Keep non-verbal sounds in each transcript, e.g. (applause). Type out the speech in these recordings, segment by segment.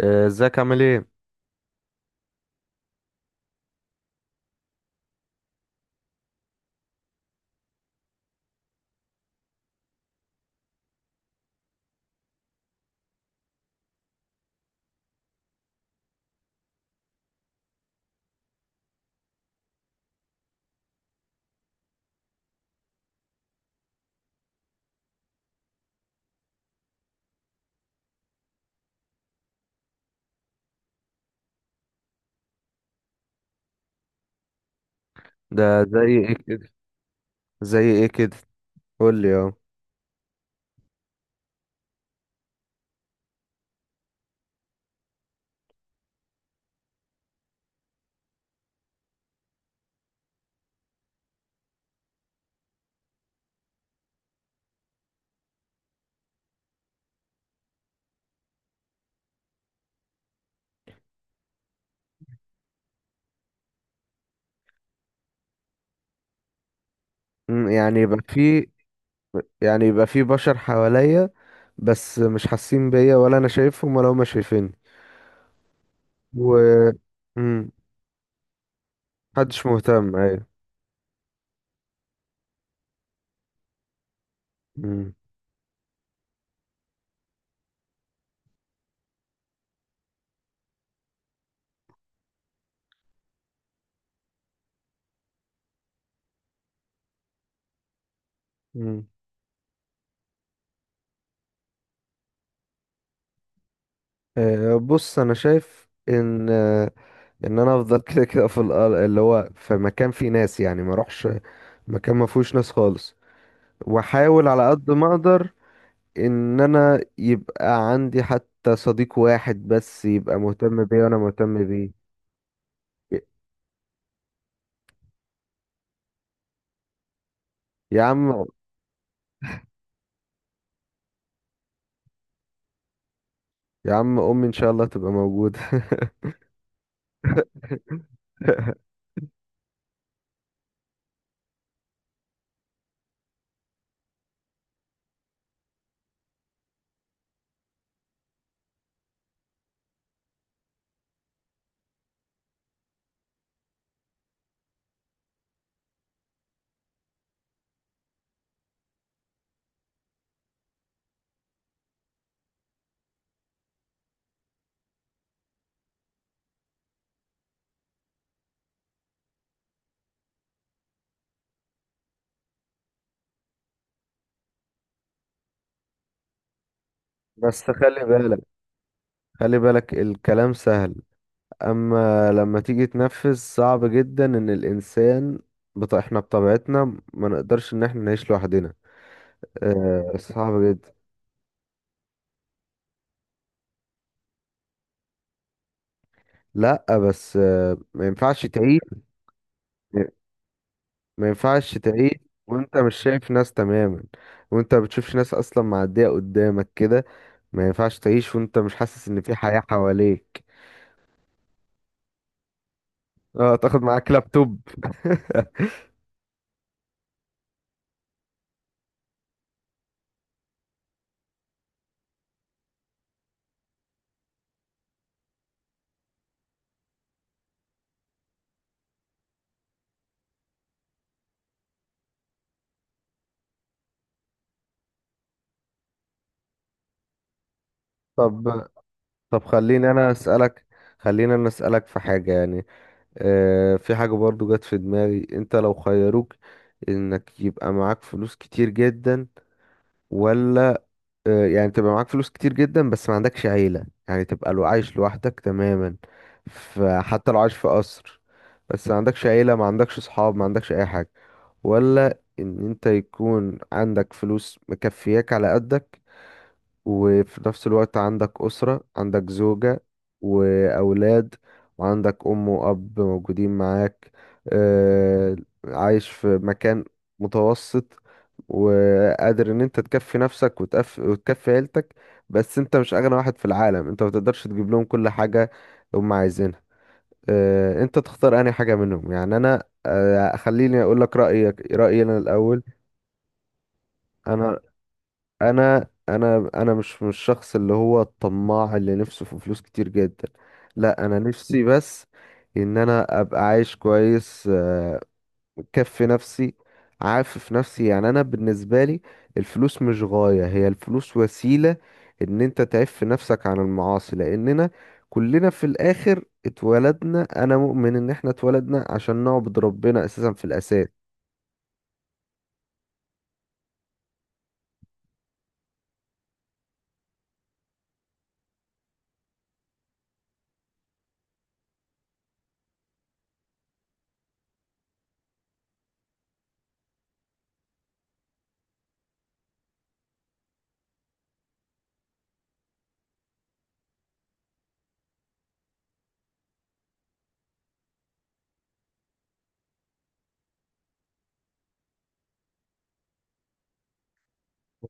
آه، ازيك عامل ايه؟ ده زي ايه كده؟ زي ايه كده؟ قول لي اهو. مم، يعني يبقى في يعني يبقى في بشر حواليا، بس مش حاسين بيا ولا انا شايفهم ولا هما شايفيني. و مم، محدش مهتم، ايوه. مم، مم. آه، بص انا شايف ان انا افضل (laughs) كده كده في الأرض، اللي هو في مكان فيه ناس، يعني ما اروحش مكان ما فيهوش ناس خالص، واحاول على قد ما اقدر ان انا يبقى عندي حتى صديق واحد بس يبقى مهتم بيا وانا مهتم بيه. ي- يا عم، يا عم امي ان شاء الله تبقى موجودة. (laughs) بس خلي بالك، خلي بالك الكلام سهل، اما لما تيجي تنفذ صعب جدا، احنا بطبيعتنا ما نقدرش ان احنا نعيش لوحدنا. آه، صعب جدا. لا، بس آه، ما ينفعش تعيش. ما ينفعش تعيش وانت مش شايف ناس تماما، وانت ما بتشوفش ناس اصلا معدية قدامك كده. ما ينفعش تعيش وانت مش حاسس ان في حياة حواليك. اه، تاخد معاك لابتوب. (laughs) طب، طب خليني انا اسالك في حاجه يعني. آه، في حاجه برضو جت في دماغي. انت لو خيروك انك يبقى معاك فلوس كتير جدا، ولا يعني تبقى معاك فلوس كتير جدا بس ما عندكش عيلة، يعني تبقى لو عايش لوحدك تماما، فحتى لو عايش في قصر بس ما عندكش عيلة، ما عندكش صحاب، ما عندكش اي حاجة؛ ولا ان انت يكون عندك فلوس مكفياك على قدك، وفي نفس الوقت عندك أسرة، عندك زوجة وأولاد، وعندك أم وأب موجودين معاك، آه، عايش في مكان متوسط، وقادر إن أنت تكفي نفسك وتكفي عيلتك، بس أنت مش أغنى واحد في العالم، أنت متقدرش تجيب لهم كل حاجة هم عايزينها. أنت تختار أي حاجة منهم؟ يعني أنا خليني أقول لك رأيي أنا الأول. أنا انا انا انا مش الشخص اللي هو الطماع اللي نفسه في فلوس كتير جدا، لا انا نفسي بس ان انا ابقى عايش كويس، مكفي نفسي، عافف نفسي. يعني انا بالنسبه لي الفلوس مش غايه، هي الفلوس وسيله ان انت تعف نفسك عن المعاصي، لاننا كلنا في الاخر اتولدنا. انا مؤمن ان احنا اتولدنا عشان نعبد ربنا اساسا في الاساس.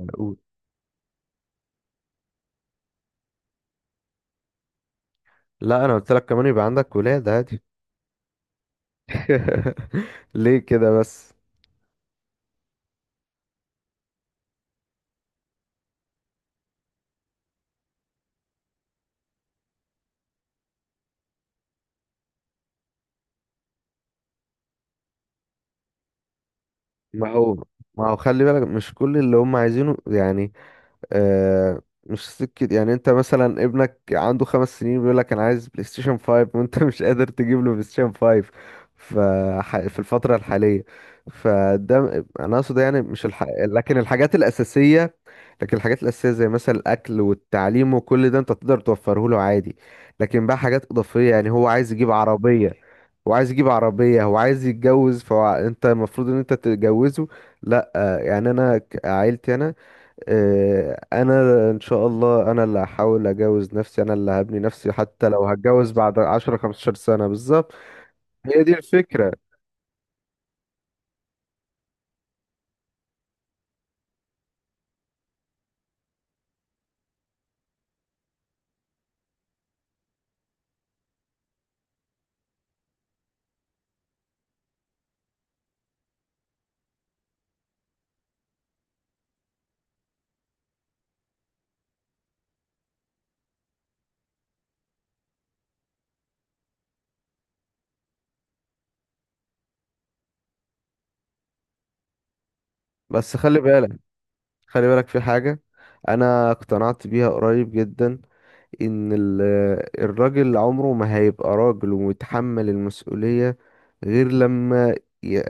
أقول. لا، انا قلت لك كمان يبقى عندك ولاد. (laughs) ليه كده بس؟ ما هو ما هو خلي بالك مش كل اللي هم عايزينه يعني. آه، مش سكة. يعني انت مثلا ابنك عنده 5 سنين بيقول لك انا عايز بلاي ستيشن 5، (laughs) وانت مش قادر تجيب له بلاي ستيشن 5 ف في الفترة الحالية. فده انا اقصد يعني مش لكن الحاجات الأساسية، زي مثلا الأكل والتعليم وكل ده انت تقدر توفره له عادي. لكن بقى حاجات إضافية، يعني هو عايز يجيب عربية، هو عايز يتجوز، فانت المفروض ان انت تتجوزه. لا، يعني انا عيلتي انا، انا ان شاء الله انا اللي هحاول اجوز نفسي، انا اللي هبني نفسي، حتى لو هتجوز بعد 10 15 سنة، بالظبط هي دي الفكرة. بس خلي بالك، خلي بالك في حاجة انا اقتنعت بيها قريب جدا، ان الراجل عمره ما هيبقى راجل ومتحمل المسؤولية غير لما ي-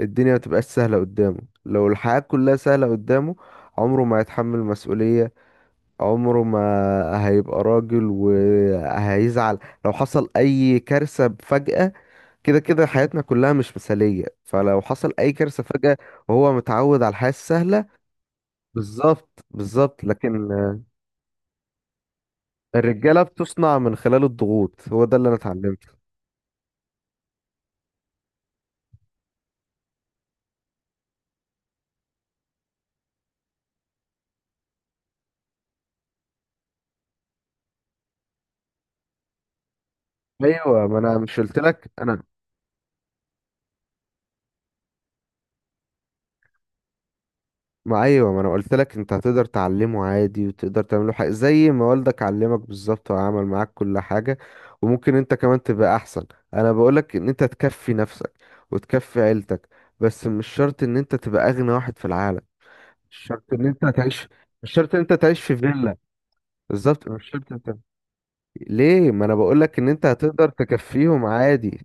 الدنيا ما تبقاش سهلة قدامه. لو الحياة كلها سهلة قدامه عمره ما هيتحمل مسؤولية، عمره ما هيبقى راجل وهيزعل لو حصل اي كارثة فجأة. كده كده حياتنا كلها مش مثالية، فلو حصل اي كارثة فجأة وهو متعود على الحياة السهلة، بالظبط، بالظبط، لكن الرجالة بتصنع من خلال الضغوط، هو ده اللي انا اتعلمته. ايوه، ما انا مش قلت لك انا؟ ما ايوه، ما انا قلت لك انت هتقدر تعلمه عادي، وتقدر تعمله حاجه زي ما والدك علمك بالظبط وعمل معاك كل حاجه، وممكن انت كمان تبقى احسن. انا بقولك ان انت تكفي نفسك وتكفي عيلتك، بس مش شرط ان انت تبقى اغنى واحد في العالم. مش شرط ان انت تعيش مش شرط ان انت تعيش في فيلا، بالظبط مش شرط انت. ليه؟ ما انا بقولك ان انت هتقدر تكفيهم عادي.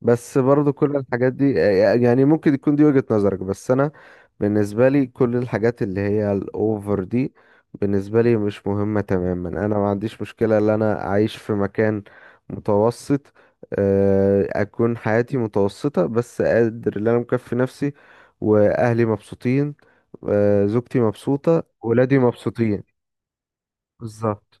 بس برضو كل الحاجات دي، يعني ممكن يكون دي وجهة نظرك، بس انا بالنسبة لي كل الحاجات اللي هي الاوفر دي بالنسبة لي مش مهمة تماما. انا ما عنديش مشكلة ان انا اعيش في مكان متوسط، اكون حياتي متوسطة، بس قادر ان انا مكفي نفسي، واهلي مبسوطين، زوجتي مبسوطة، ولادي مبسوطين. بالظبط.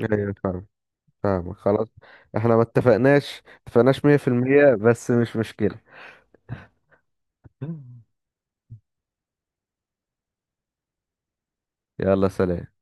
ايوه، فاهم، فاهم، خلاص. احنا ما اتفقناش 100%، بس مش مشكلة. (laughs) يلا، سلام.